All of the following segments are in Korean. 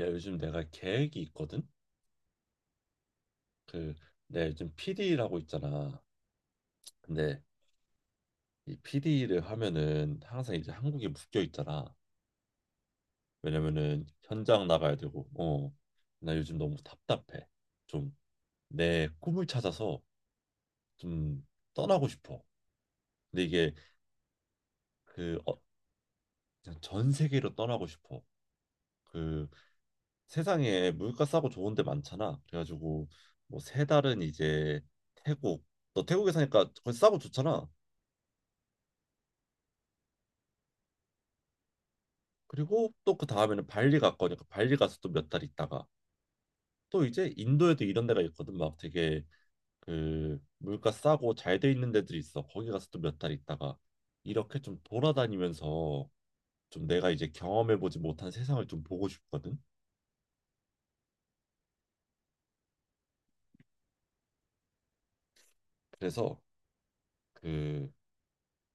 야, 요즘 내가 계획이 있거든? 그, 내가 요즘 PD라고 있잖아. 근데 이 PD를 하면은 항상 이제 한국에 묶여 있잖아. 왜냐면은 현장 나가야 되고. 나 요즘 너무 답답해. 좀 내 꿈을 찾아서 좀 떠나고 싶어. 근데 이게 그, 어, 그냥 전 세계로 떠나고 싶어. 그 세상에 물가 싸고 좋은 데 많잖아. 그래가지고 뭐 세 달은 이제 태국, 너 태국에 사니까 거기 싸고 좋잖아. 그리고 또 그 다음에는 발리 갔거니까 발리 가서 또 몇 달 있다가 또 이제 인도에도 이런 데가 있거든. 막 되게 물가 싸고 잘 돼 있는 데들이 있어. 거기 가서 또 몇 달 있다가 이렇게 좀 돌아다니면서 좀 내가 이제 경험해 보지 못한 세상을 좀 보고 싶거든. 그래서 그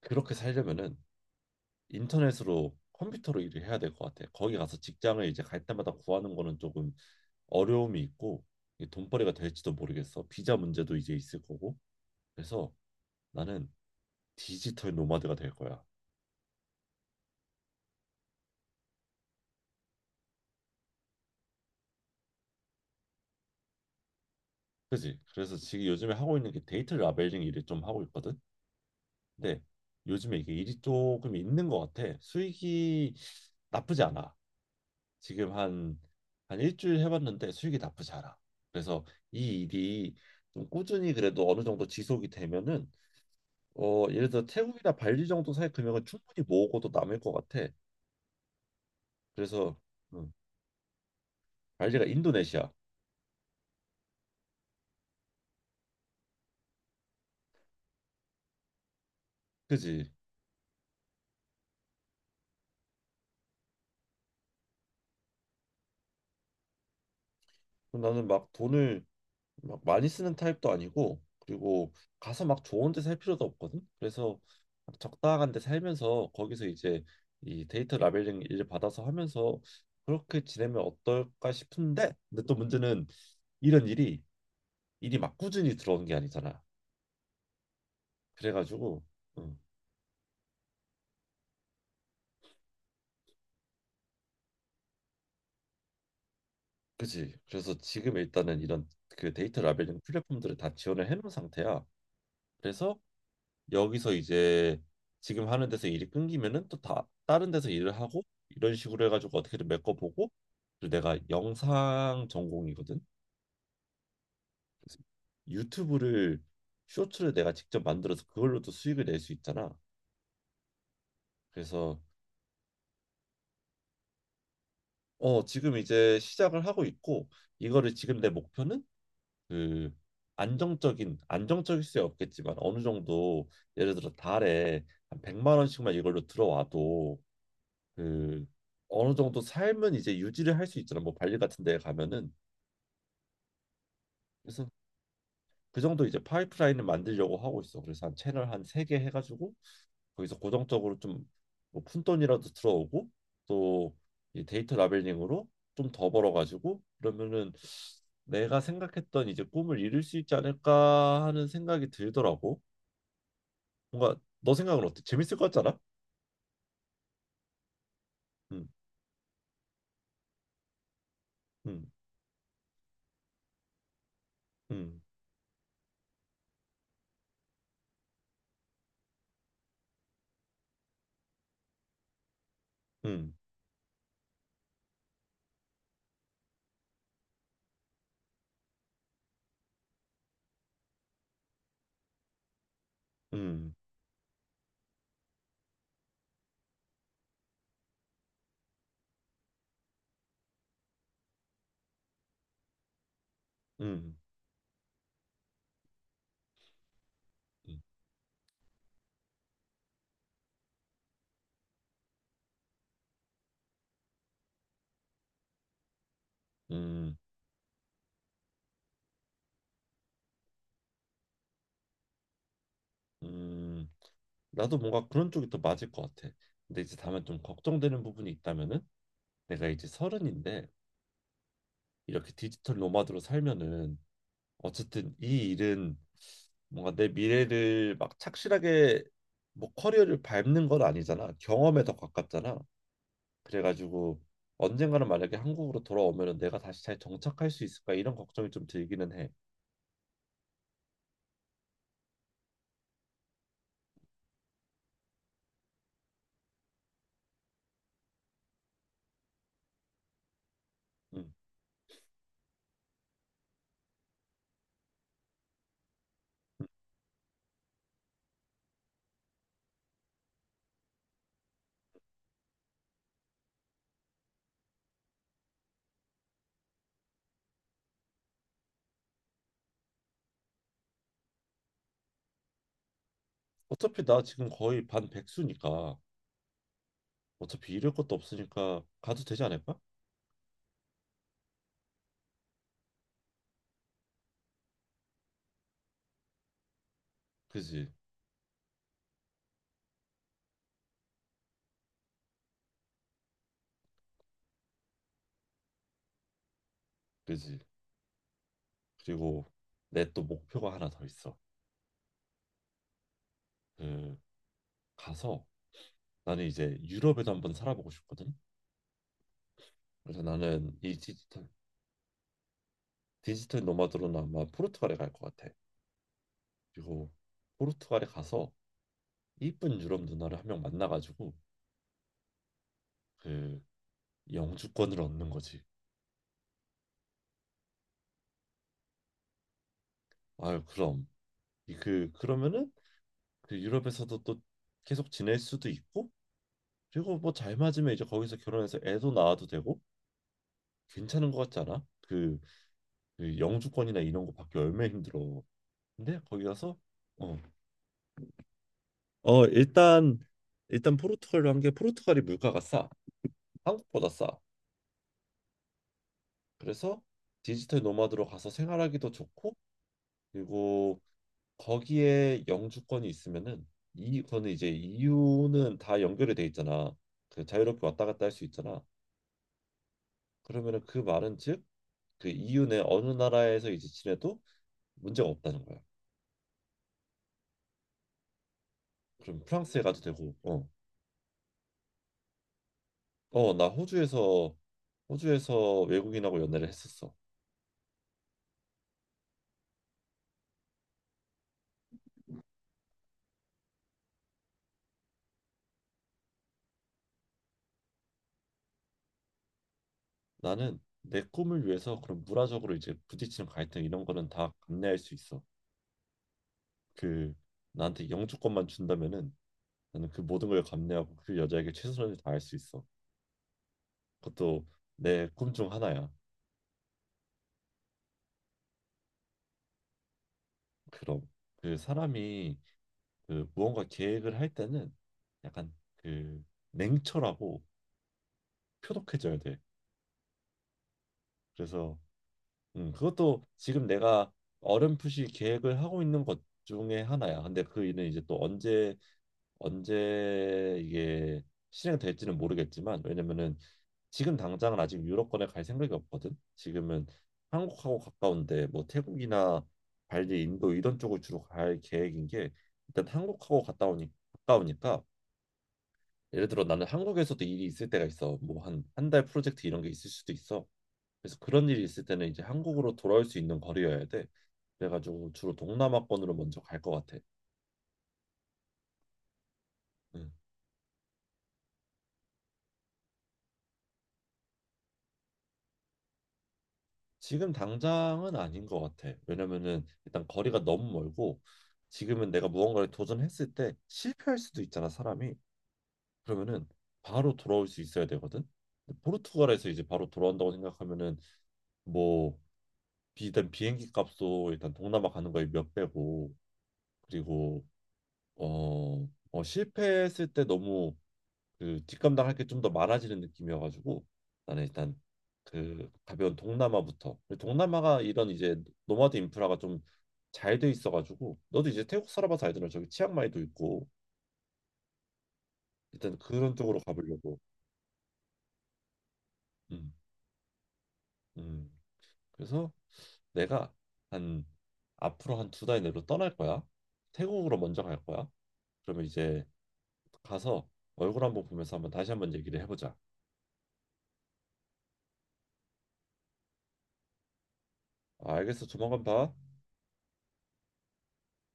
그렇게 살려면은 인터넷으로 컴퓨터로 일을 해야 될 것 같아. 거기 가서 직장을 이제 갈 때마다 구하는 거는 조금 어려움이 있고 이게 돈벌이가 될지도 모르겠어. 비자 문제도 이제 있을 거고. 그래서 나는 디지털 노마드가 될 거야. 그지? 그래서 지금 요즘에 하고 있는 게 데이터 라벨링 일을 좀 하고 있거든. 근데 요즘에 이게 일이 조금 있는 것 같아. 수익이 나쁘지 않아. 지금 한 한 일주일 해봤는데 수익이 나쁘지 않아. 그래서 이 일이 좀 꾸준히 그래도 어느 정도 지속이 되면은 예를 들어 태국이나 발리 정도 사이 금액은 충분히 모으고도 남을 것 같아. 그래서 음, 발리가 인도네시아, 그지? 그럼 나는 막 돈을 막 많이 쓰는 타입도 아니고, 그리고 가서 막 좋은 데 살 필요도 없거든. 그래서 막 적당한 데 살면서 거기서 이제 이 데이터 라벨링 일을 받아서 하면서 그렇게 지내면 어떨까 싶은데, 근데 또 문제는 이런 일이 일이 막 꾸준히 들어오는 게 아니잖아. 그래가지고 음, 그지. 그래서 지금 일단은 이런 데이터 라벨링 플랫폼들을 다 지원을 해놓은 상태야. 그래서 여기서 이제 지금 하는 데서 일이 끊기면은 또 다 다른 데서 일을 하고 이런 식으로 해가지고 어떻게든 메꿔보고. 그리고 내가 영상 전공이거든. 그래서 유튜브를 쇼츠를 내가 직접 만들어서 그걸로도 수익을 낼 수 있잖아. 그래서 지금 이제 시작을 하고 있고 이거를 지금 내 목표는 그 안정적인 안정적일 수 없겠지만 어느 정도 예를 들어 달에 한 100만 원씩만 이걸로 들어와도 그 어느 정도 삶은 이제 유지를 할 수 있잖아. 뭐 발리 같은 데 가면은. 그래서 그 정도 이제 파이프라인을 만들려고 하고 있어. 그래서 한 채널 한 3개 해가지고 거기서 고정적으로 좀뭐 푼돈이라도 들어오고 또 이 데이터 라벨링으로 좀 더 벌어가지고 그러면은 내가 생각했던 이제 꿈을 이룰 수 있지 않을까 하는 생각이 들더라고. 뭔가 너 생각은 어때? 재밌을 것 같잖아. 음, 음, 음, 음, 음, 음, 음, 음. 음, 나도 뭔가 그런 쪽이 더 맞을 것 같아. 근데 이제 다만 좀 걱정되는 부분이 있다면은 내가 이제 서른인데 이렇게 디지털 노마드로 살면은 어쨌든 이 일은 뭔가 내 미래를 막 착실하게 뭐 커리어를 밟는 건 아니잖아. 경험에 더 가깝잖아. 그래가지고 언젠가는 만약에 한국으로 돌아오면은 내가 다시 잘 정착할 수 있을까 이런 걱정이 좀 들기는 해. 음. 어차피 나 지금 거의 반 백수니까 어차피 잃을 것도 없으니까 가도 되지 않을까? 그지, 그지. 그리고 내 또 목표가 하나 더 있어. 그 가서 나는 이제 유럽에도 한번 살아보고 싶거든. 그래서 나는 이 디지털 디지털 노마드로는 아마 포르투갈에 갈 것 같아. 그리고 포르투갈에 가서 이쁜 유럽 누나를 한 명 만나가지고 그 영주권을 얻는 거지. 아유 그럼 이 그 그러면은 유럽에서도 또 계속 지낼 수도 있고 그리고 뭐 잘 맞으면 이제 거기서 결혼해서 애도 낳아도 되고 괜찮은 것 같지 않아? 영주권이나 이런 거 받기 얼마나 힘들어. 근데 거기 가서 어, 어 일단 일단 포르투갈로 한 게 포르투갈이 물가가 싸. 한국보다 싸. 그래서 디지털 노마드로 가서 생활하기도 좋고 그리고 거기에 영주권이 있으면은 이 거는 이제 EU는 다 연결이 돼 있잖아. 자유롭게 왔다 갔다 할 수 있잖아. 그러면은 그 말은 즉그 EU 내 어느 나라에서 이제 지내도 문제가 없다는 거야. 그럼 프랑스에 가도 되고, 나 호주에서 외국인하고 연애를 했었어. 나는 내 꿈을 위해서 그런 문화적으로 이제 부딪히는 갈등 이런 거는 다 감내할 수 있어. 그 나한테 영주권만 준다면은 나는 그 모든 걸 감내하고 그 여자에게 최선을 다할 수 있어. 그것도 내 꿈 중 하나야. 그럼 그 사람이 무언가 계획을 할 때는 약간 그 냉철하고 표독해져야 돼. 그래서 그것도 지금 내가 어렴풋이 계획을 하고 있는 것 중에 하나야. 근데 그 일은 이제 또 언제 이게 실행될지는 모르겠지만 왜냐면은 지금 당장은 아직 유럽권에 갈 생각이 없거든. 지금은 한국하고 가까운데 뭐 태국이나 발리, 인도 이런 쪽을 주로 갈 계획인 게 일단 한국하고 갔다 오니 가까우니까 예를 들어 나는 한국에서도 일이 있을 때가 있어. 뭐 한 한 달 프로젝트 이런 게 있을 수도 있어. 그래서 그런 일이 있을 때는 이제 한국으로 돌아올 수 있는 거리여야 돼. 그래가지고 주로 동남아권으로 먼저 갈 것 같아. 음. 지금 당장은 아닌 것 같아. 왜냐면은 일단 거리가 너무 멀고 지금은 내가 무언가를 도전했을 때 실패할 수도 있잖아, 사람이. 그러면은 바로 돌아올 수 있어야 되거든. 근데 포르투갈에서 이제 바로 돌아온다고 생각하면은 뭐 일단 비행기 값도 일단 동남아 가는 거에 몇 배고. 그리고 어, 실패했을 때 너무 뒷감당할 게 좀 더 많아지는 느낌이어가지고 나는 일단 가벼운 동남아부터 동남아가 이런 이제 노마드 인프라가 좀 잘돼 있어가지고. 너도 이제 태국 살아봐서 알잖아. 저기 치앙마이도 있고 일단 그런 쪽으로 가보려고. 음, 음. 그래서 내가 한 앞으로 한 두 달 내로 떠날 거야. 태국으로 먼저 갈 거야. 그러면 이제 가서 얼굴 한번 보면서 한번 다시 한번 얘기를 해보자. 아, 알겠어. 조만간 봐.